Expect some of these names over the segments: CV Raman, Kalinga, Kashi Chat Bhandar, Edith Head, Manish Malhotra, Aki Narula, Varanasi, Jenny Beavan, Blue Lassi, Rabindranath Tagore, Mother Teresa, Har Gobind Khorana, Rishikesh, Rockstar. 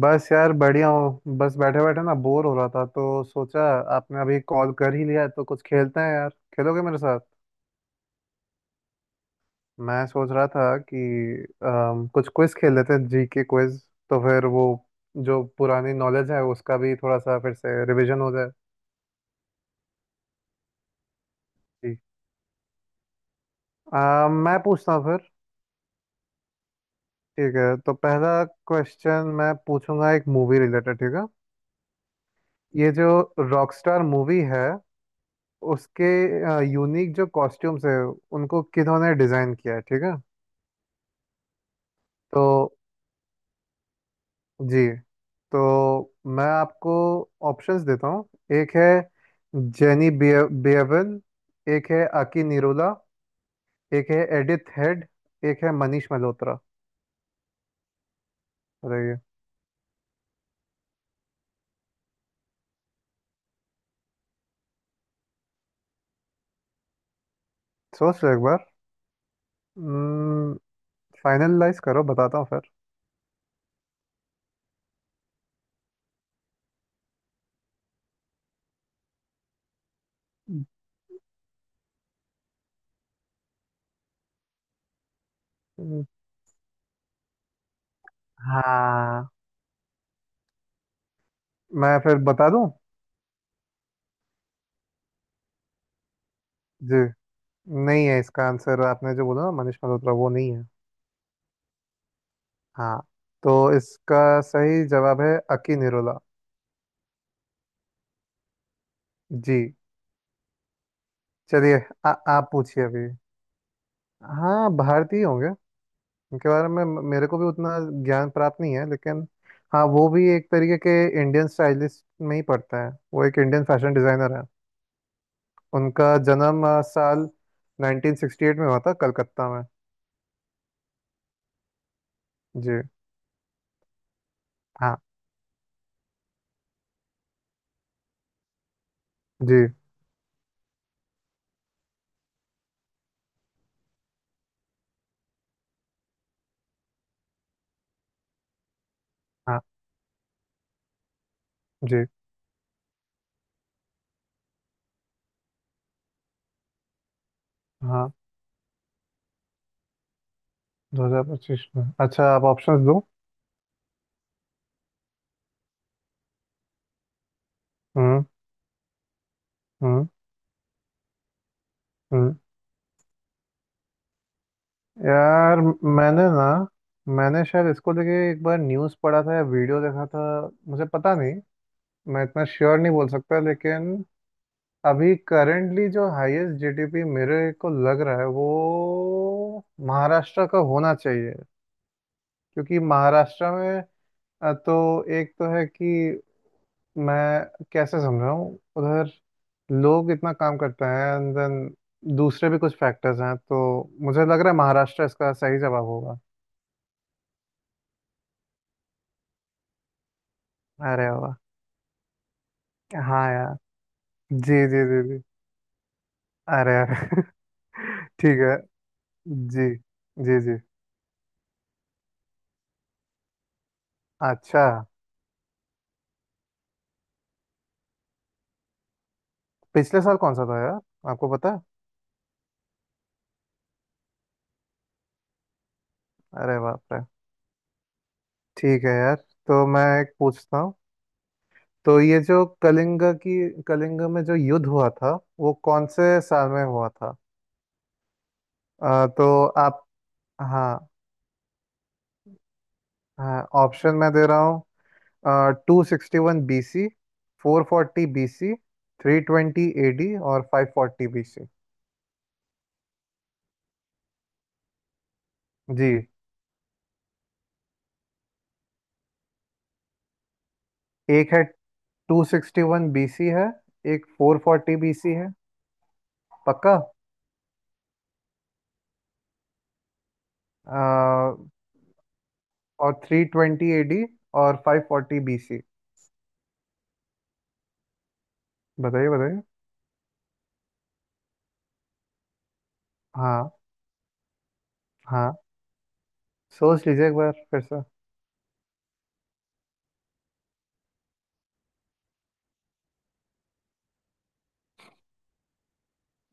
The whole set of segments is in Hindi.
बस यार बढ़िया हूँ। बस बैठे बैठे ना बोर हो रहा था तो सोचा आपने अभी कॉल कर ही लिया है, तो कुछ खेलते हैं यार। खेलोगे मेरे साथ? मैं सोच रहा था कि कुछ क्विज खेल लेते हैं, जी के क्विज। तो फिर वो जो पुरानी नॉलेज है उसका भी थोड़ा सा फिर से रिवीजन हो जाए। जी। मैं पूछता हूँ फिर। ठीक है, तो पहला क्वेश्चन मैं पूछूंगा एक मूवी रिलेटेड, ठीक है। ये जो रॉकस्टार मूवी है उसके यूनिक जो कॉस्ट्यूम्स है उनको किन्होंने डिजाइन किया है, ठीक है। तो जी, तो मैं आपको ऑप्शंस देता हूँ। एक है जेनी बिएवन। एक है आकी निरोला। एक है एडिथ हेड। एक है मनीष मल्होत्रा। रहिए। सोच लो एक बार। फाइनलाइज करो, बताता हूँ फिर। हम्म, हाँ। मैं फिर बता दूं। जी। नहीं है। इसका आंसर आपने जो बोला ना मनीष मल्होत्रा, वो नहीं है। हाँ, तो इसका सही जवाब है अकी निरोला। जी। चलिए। आप पूछिए अभी। हाँ, भारतीय होंगे। उनके बारे में मेरे को भी उतना ज्ञान प्राप्त नहीं है, लेकिन हाँ वो भी एक तरीके के इंडियन स्टाइलिस्ट में ही पड़ता है। वो एक इंडियन फैशन डिजाइनर है। उनका जन्म साल 1968 में हुआ था कलकत्ता में। जी। हाँ जी हाँ जी हाँ। 2025 में अच्छा, आप ऑप्शंस दो। हम्म हम्म हम्म। यार, मैंने ना मैंने शायद इसको लेके एक बार न्यूज़ पढ़ा था या वीडियो देखा था। मुझे पता नहीं। मैं इतना श्योर नहीं बोल सकता, लेकिन अभी करंटली जो हाईएस्ट जीडीपी मेरे को लग रहा है वो महाराष्ट्र का होना चाहिए। क्योंकि महाराष्ट्र में तो एक तो है कि मैं कैसे समझाऊं, उधर लोग इतना काम करते हैं एंड देन दूसरे भी कुछ फैक्टर्स हैं। तो मुझे लग रहा है महाराष्ट्र इसका सही जवाब होगा। अरे वाह। हाँ यार। जी जी जी जी। अरे अरे। ठीक है। जी जी जी। अच्छा, पिछले साल कौन सा था यार? आपको पता है? अरे बाप रे। ठीक है यार। तो मैं एक पूछता हूँ। तो ये जो कलिंगा में जो युद्ध हुआ था वो कौन से साल में हुआ था? तो आप। हाँ हाँ, ऑप्शन मैं दे रहा हूँ। 261 BC। 440 BC। 320 AD। और 540 BC। जी। एक है, two sixty one B C है। एक फोर फोर्टी बी सी है। पक्का। और थ्री ट्वेंटी एडी और फाइव फोर्टी बीसी। बताइए बताइए। हाँ हाँ, सोच लीजिए एक बार फिर से।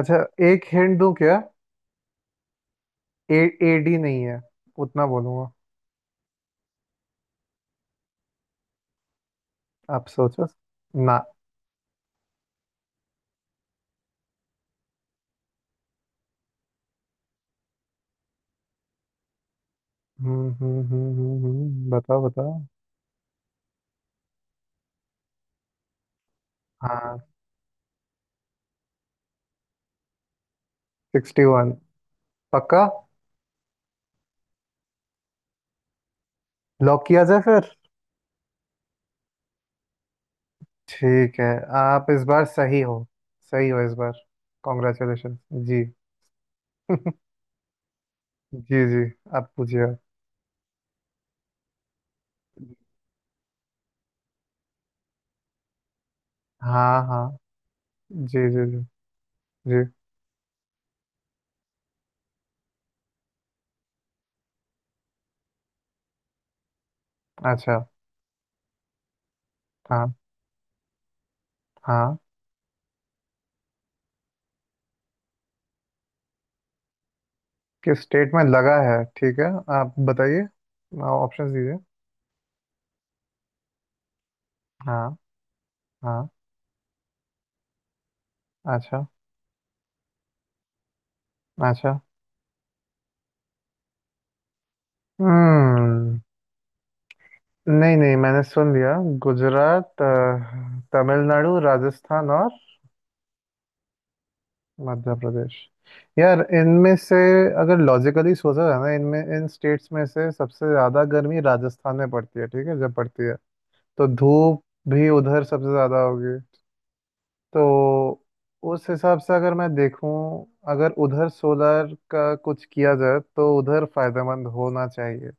अच्छा, एक हिंट दूं क्या? ए, एडी नहीं है। उतना बोलूंगा। आप सोचो ना। बताओ बताओ। हाँ, सिक्सटी वन। पक्का। लॉक किया जाए फिर? ठीक है। आप इस बार सही हो। सही हो इस बार। कॉन्ग्रेचुलेशन। जी। जी जी। आप पूछिए। हाँ हाँ। जी जी जी जी। अच्छा। हाँ हाँ। किस स्टेट में लगा है, ठीक है। आप बताइए। ऑप्शंस दीजिए। हाँ हाँ। अच्छा। अच्छा। हम्म। नहीं नहीं, मैंने सुन लिया। गुजरात, तमिलनाडु, राजस्थान और मध्य प्रदेश। यार, इनमें से अगर लॉजिकली सोचा जाए ना इनमें इन स्टेट्स में से सबसे ज़्यादा गर्मी राजस्थान में पड़ती है, ठीक है जब पड़ती है। तो धूप भी उधर सबसे ज़्यादा होगी। तो उस हिसाब से अगर मैं देखूं, अगर उधर सोलर का कुछ किया जाए तो उधर फायदेमंद होना चाहिए।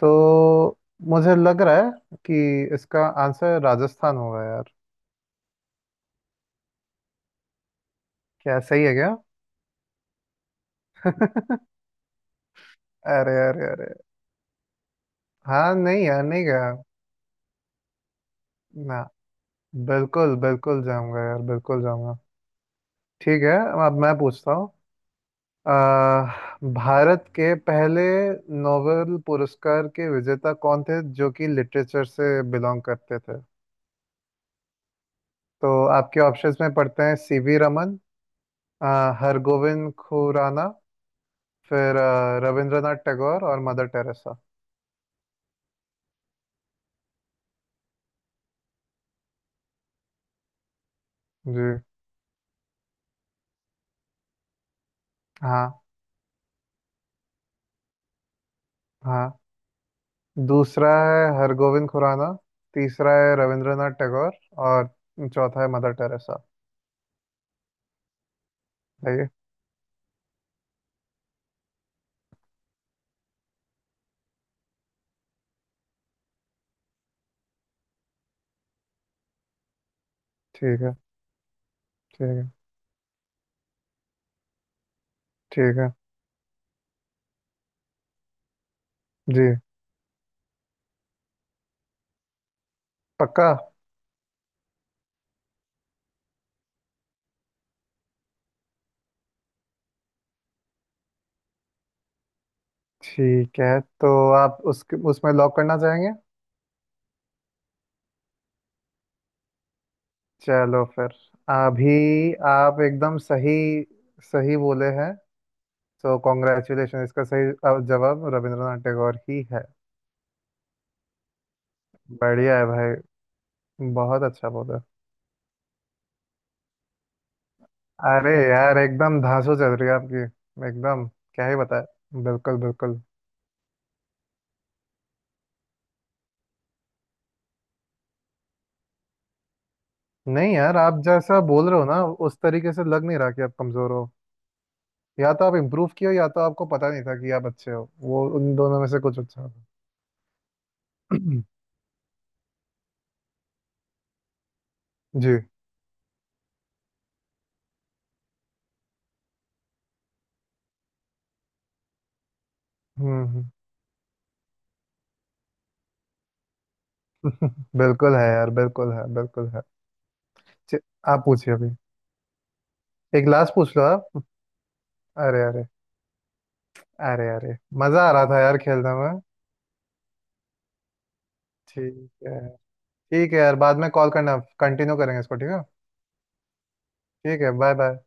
तो मुझे लग रहा है कि इसका आंसर राजस्थान होगा यार। क्या सही है क्या? अरे अरे अरे। हाँ नहीं यार, नहीं गया ना। बिल्कुल बिल्कुल जाऊंगा यार। बिल्कुल जाऊंगा। ठीक है। अब मैं पूछता हूँ। भारत के पहले नोबेल पुरस्कार के विजेता कौन थे जो कि लिटरेचर से बिलोंग करते थे? तो आपके ऑप्शंस में पढ़ते हैं सीवी रमन, हरगोविंद खुराना, फिर रविंद्रनाथ टैगोर और मदर टेरेसा। जी। हाँ। हाँ, दूसरा है हरगोविंद खुराना। तीसरा है रविंद्रनाथ टैगोर। और चौथा है मदर टेरेसा। सही है। ठीक है। ठीक है। ठीक है। जी, पक्का। ठीक है, तो आप उस उसमें लॉक करना चाहेंगे? चलो फिर। अभी आप एकदम सही सही बोले हैं। तो कॉन्ग्रेचुलेशन, इसका सही जवाब रविंद्रनाथ टैगोर ही है। बढ़िया है भाई। बहुत अच्छा बोले। अरे यार, एकदम धांसू चल रही है आपकी। एकदम। क्या ही बताए। बिल्कुल बिल्कुल। नहीं यार, आप जैसा बोल रहे हो ना उस तरीके से लग नहीं रहा कि आप कमजोर हो। या तो आप इम्प्रूव किए हो या तो आपको पता नहीं था कि आप अच्छे हो, वो उन दोनों में से कुछ अच्छा होगा। जी। हम्म हम्म, बिल्कुल है यार। बिल्कुल है। बिल्कुल है। च- आप पूछिए अभी। एक लास्ट पूछ लो आप। अरे अरे। अरे अरे। मजा आ रहा था यार खेलने में। ठीक है। ठीक है यार, बाद में कॉल करना, कंटिन्यू करेंगे इसको, ठीक है। ठीक है, बाय बाय।